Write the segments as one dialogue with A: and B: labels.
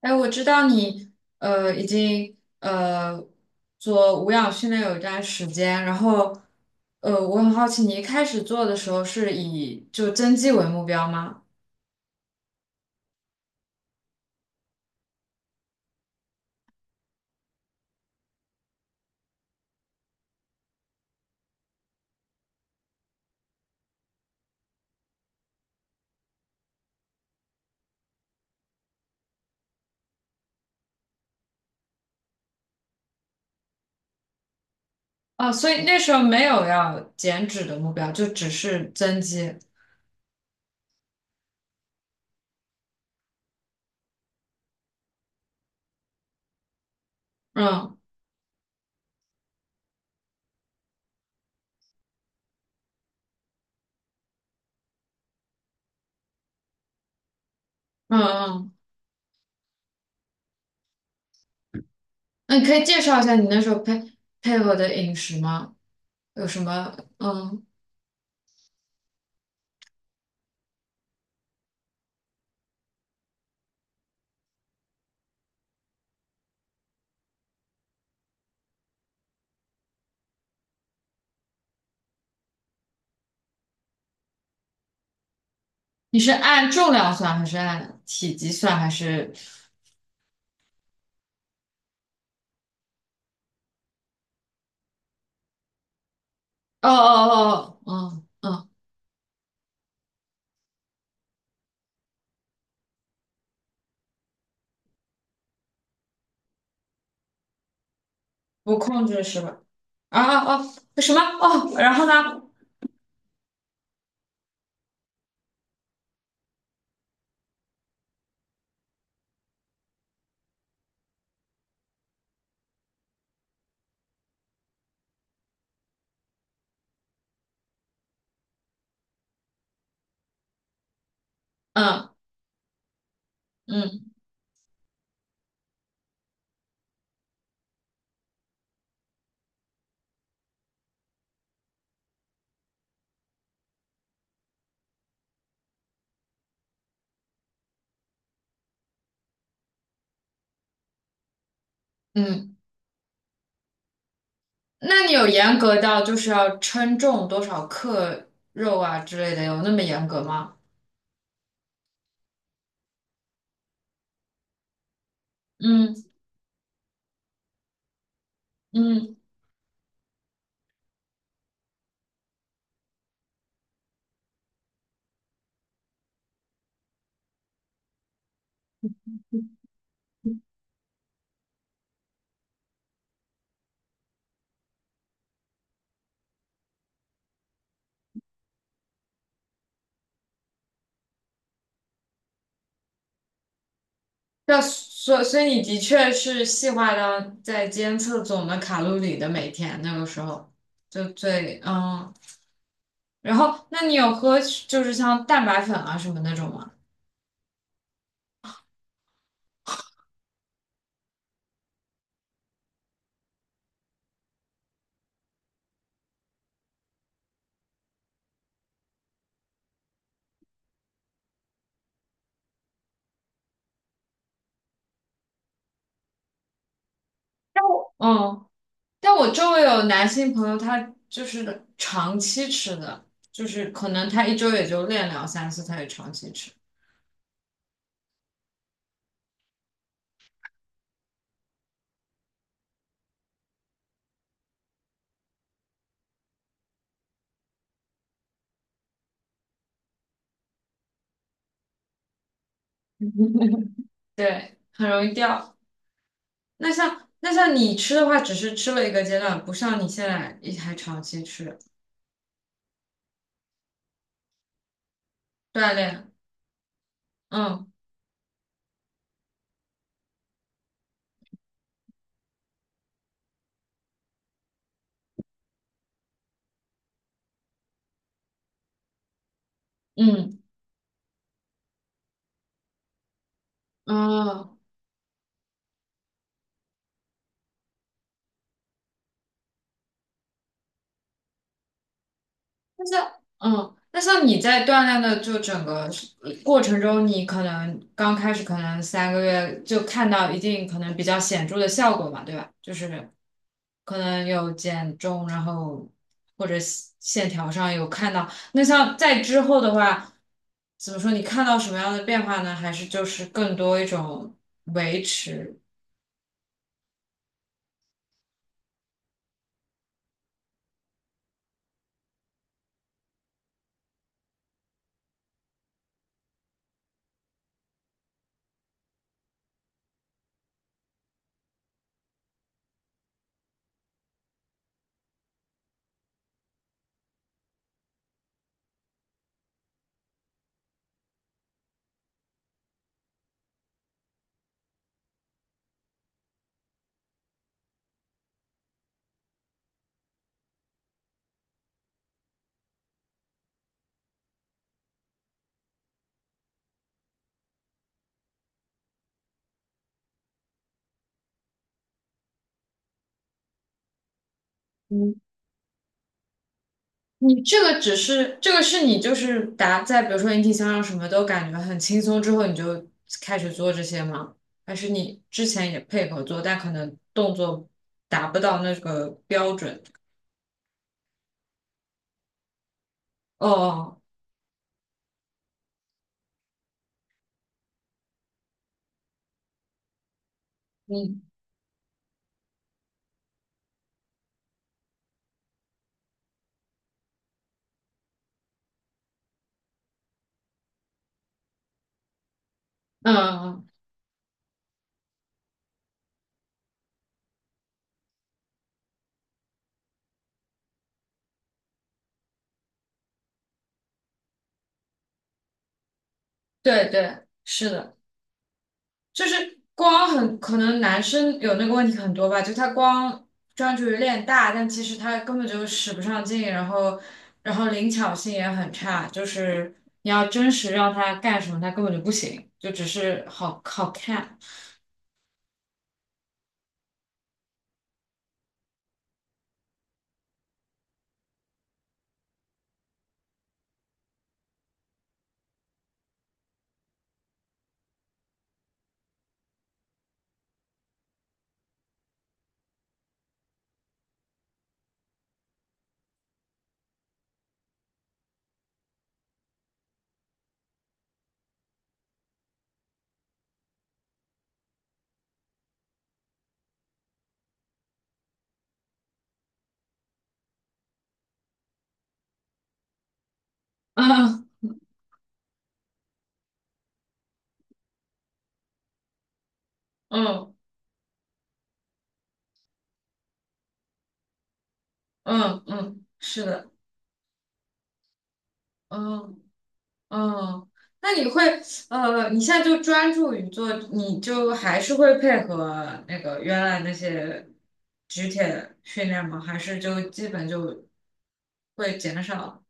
A: 哎，我知道你已经做无氧训练有一段时间，然后我很好奇，你一开始做的时候是以就增肌为目标吗？啊，所以那时候没有要减脂的目标，就只是增肌。嗯嗯嗯，那你可以介绍一下你那时候配合的饮食吗？有什么？嗯，你是按重量算还是按体积算还是？哦哦哦，哦嗯嗯，不控制是吧？啊哦什么哦，然后呢？嗯嗯嗯，那你有严格到就是要称重多少克肉啊之类的，有那么严格吗？嗯嗯，那所以你的确是细化到在监测总的卡路里的每天那个时候，就最嗯，然后那你有喝就是像蛋白粉啊什么那种吗？嗯。但我周围有男性朋友，他就是长期吃的，就是可能他一周也就练两三次，他也长期吃，对，很容易掉。那像你吃的话，只是吃了一个阶段，不像你现在也还长期吃锻炼，嗯嗯嗯，那像嗯。那像你在锻炼的就整个过程中，你可能刚开始可能3个月就看到一定可能比较显著的效果嘛，对吧？就是可能有减重，然后或者线条上有看到。那像在之后的话，怎么说？你看到什么样的变化呢？还是就是更多一种维持？嗯，你这个只是这个是你就是达在比如说引体向上什么都感觉很轻松之后，你就开始做这些吗？还是你之前也配合做，但可能动作达不到那个标准？哦，嗯嗯嗯，对对，是的。就是光很可能男生有那个问题很多吧，就他光专注于练大，但其实他根本就使不上劲，然后灵巧性也很差，就是你要真实让他干什么，他根本就不行，就只是好好看。嗯嗯嗯嗯，是的，嗯。嗯，那你会你现在就专注于做，你就还是会配合那个原来那些举铁训练吗？还是就基本就会减少？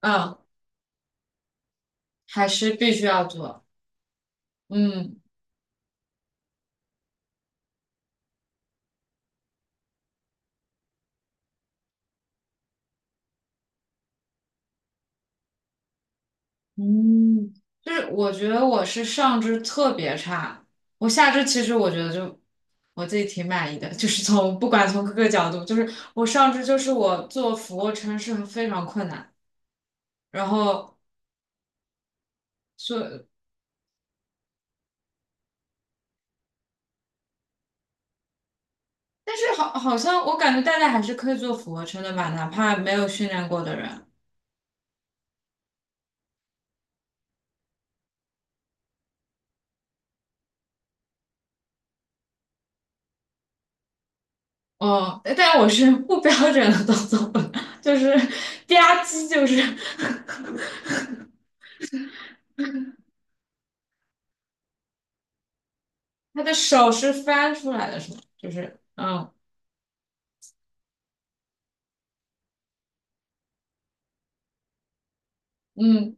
A: 嗯，还是必须要做。嗯嗯，就是我觉得我是上肢特别差，我下肢其实我觉得就我自己挺满意的，就是从不管从各个角度，就是我上肢就是我做俯卧撑是非常困难。然后所但是好像我感觉大家还是可以做俯卧撑的吧，哪怕没有训练过的人。哦，但我是不标准的动作，就是 吧唧，就是 他的手是翻出来的，是吗？就是嗯嗯，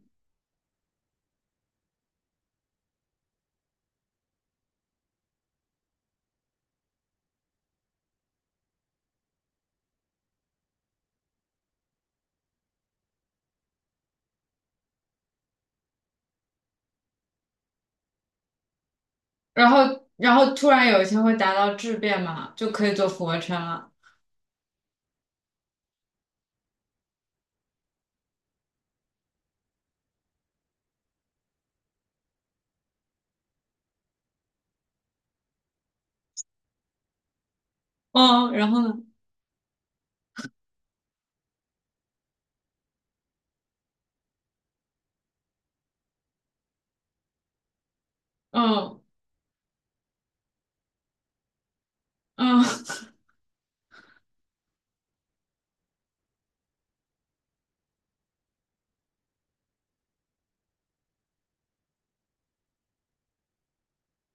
A: 然后突然有一天会达到质变嘛，就可以做俯卧撑了。嗯，然后呢？嗯嗯，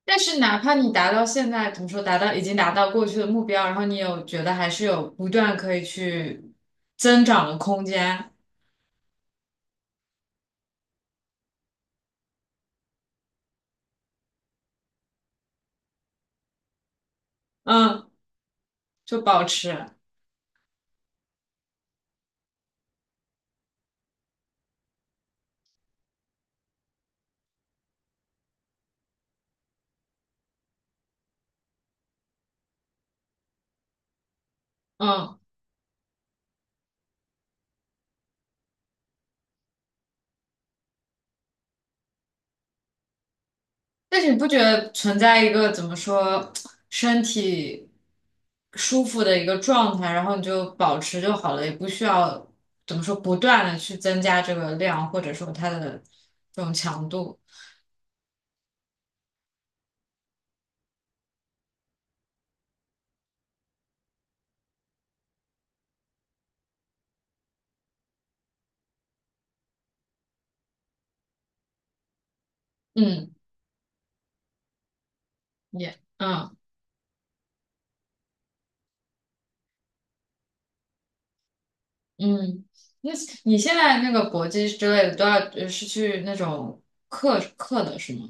A: 但是哪怕你达到现在，怎么说，达到已经达到过去的目标，然后你有觉得还是有不断可以去增长的空间，嗯，就保持，嗯。但是你不觉得存在一个怎么说，身体舒服的一个状态，然后你就保持就好了，也不需要怎么说不断的去增加这个量，或者说它的这种强度，嗯，也，嗯。嗯，那你现在那个搏击之类的都要是去那种课的是吗？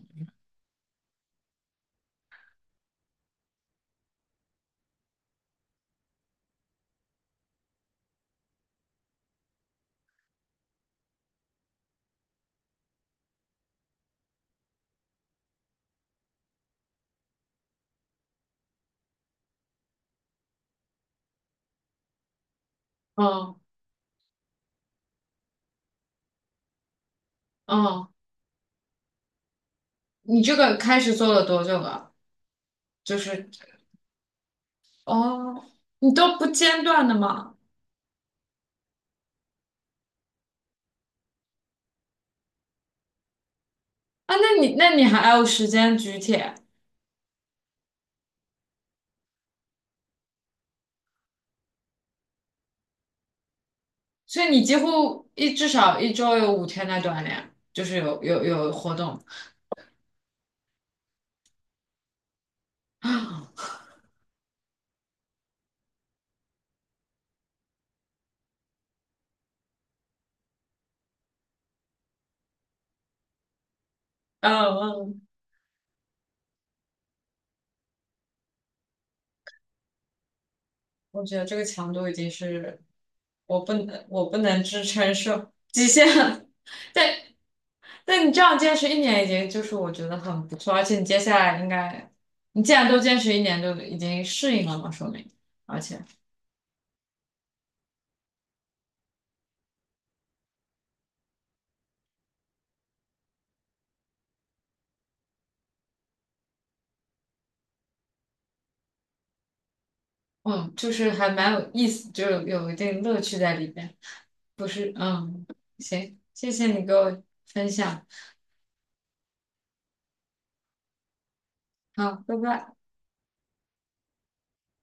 A: 嗯嗯，你这个开始做了多久了？就是哦，你都不间断的吗？啊，那你还有时间举铁，所以你几乎一至少一周有5天在锻炼，就是有活动 嗯嗯，我觉得这个强度已经是我不能支撑受极限了。对，对你这样坚持一年已经就是我觉得很不错，而且你接下来应该，你既然都坚持一年，就已经适应了嘛，说明，而且，嗯，就是还蛮有意思，就一定乐趣在里边，不是，嗯，行，谢谢你给我分享，好，拜拜。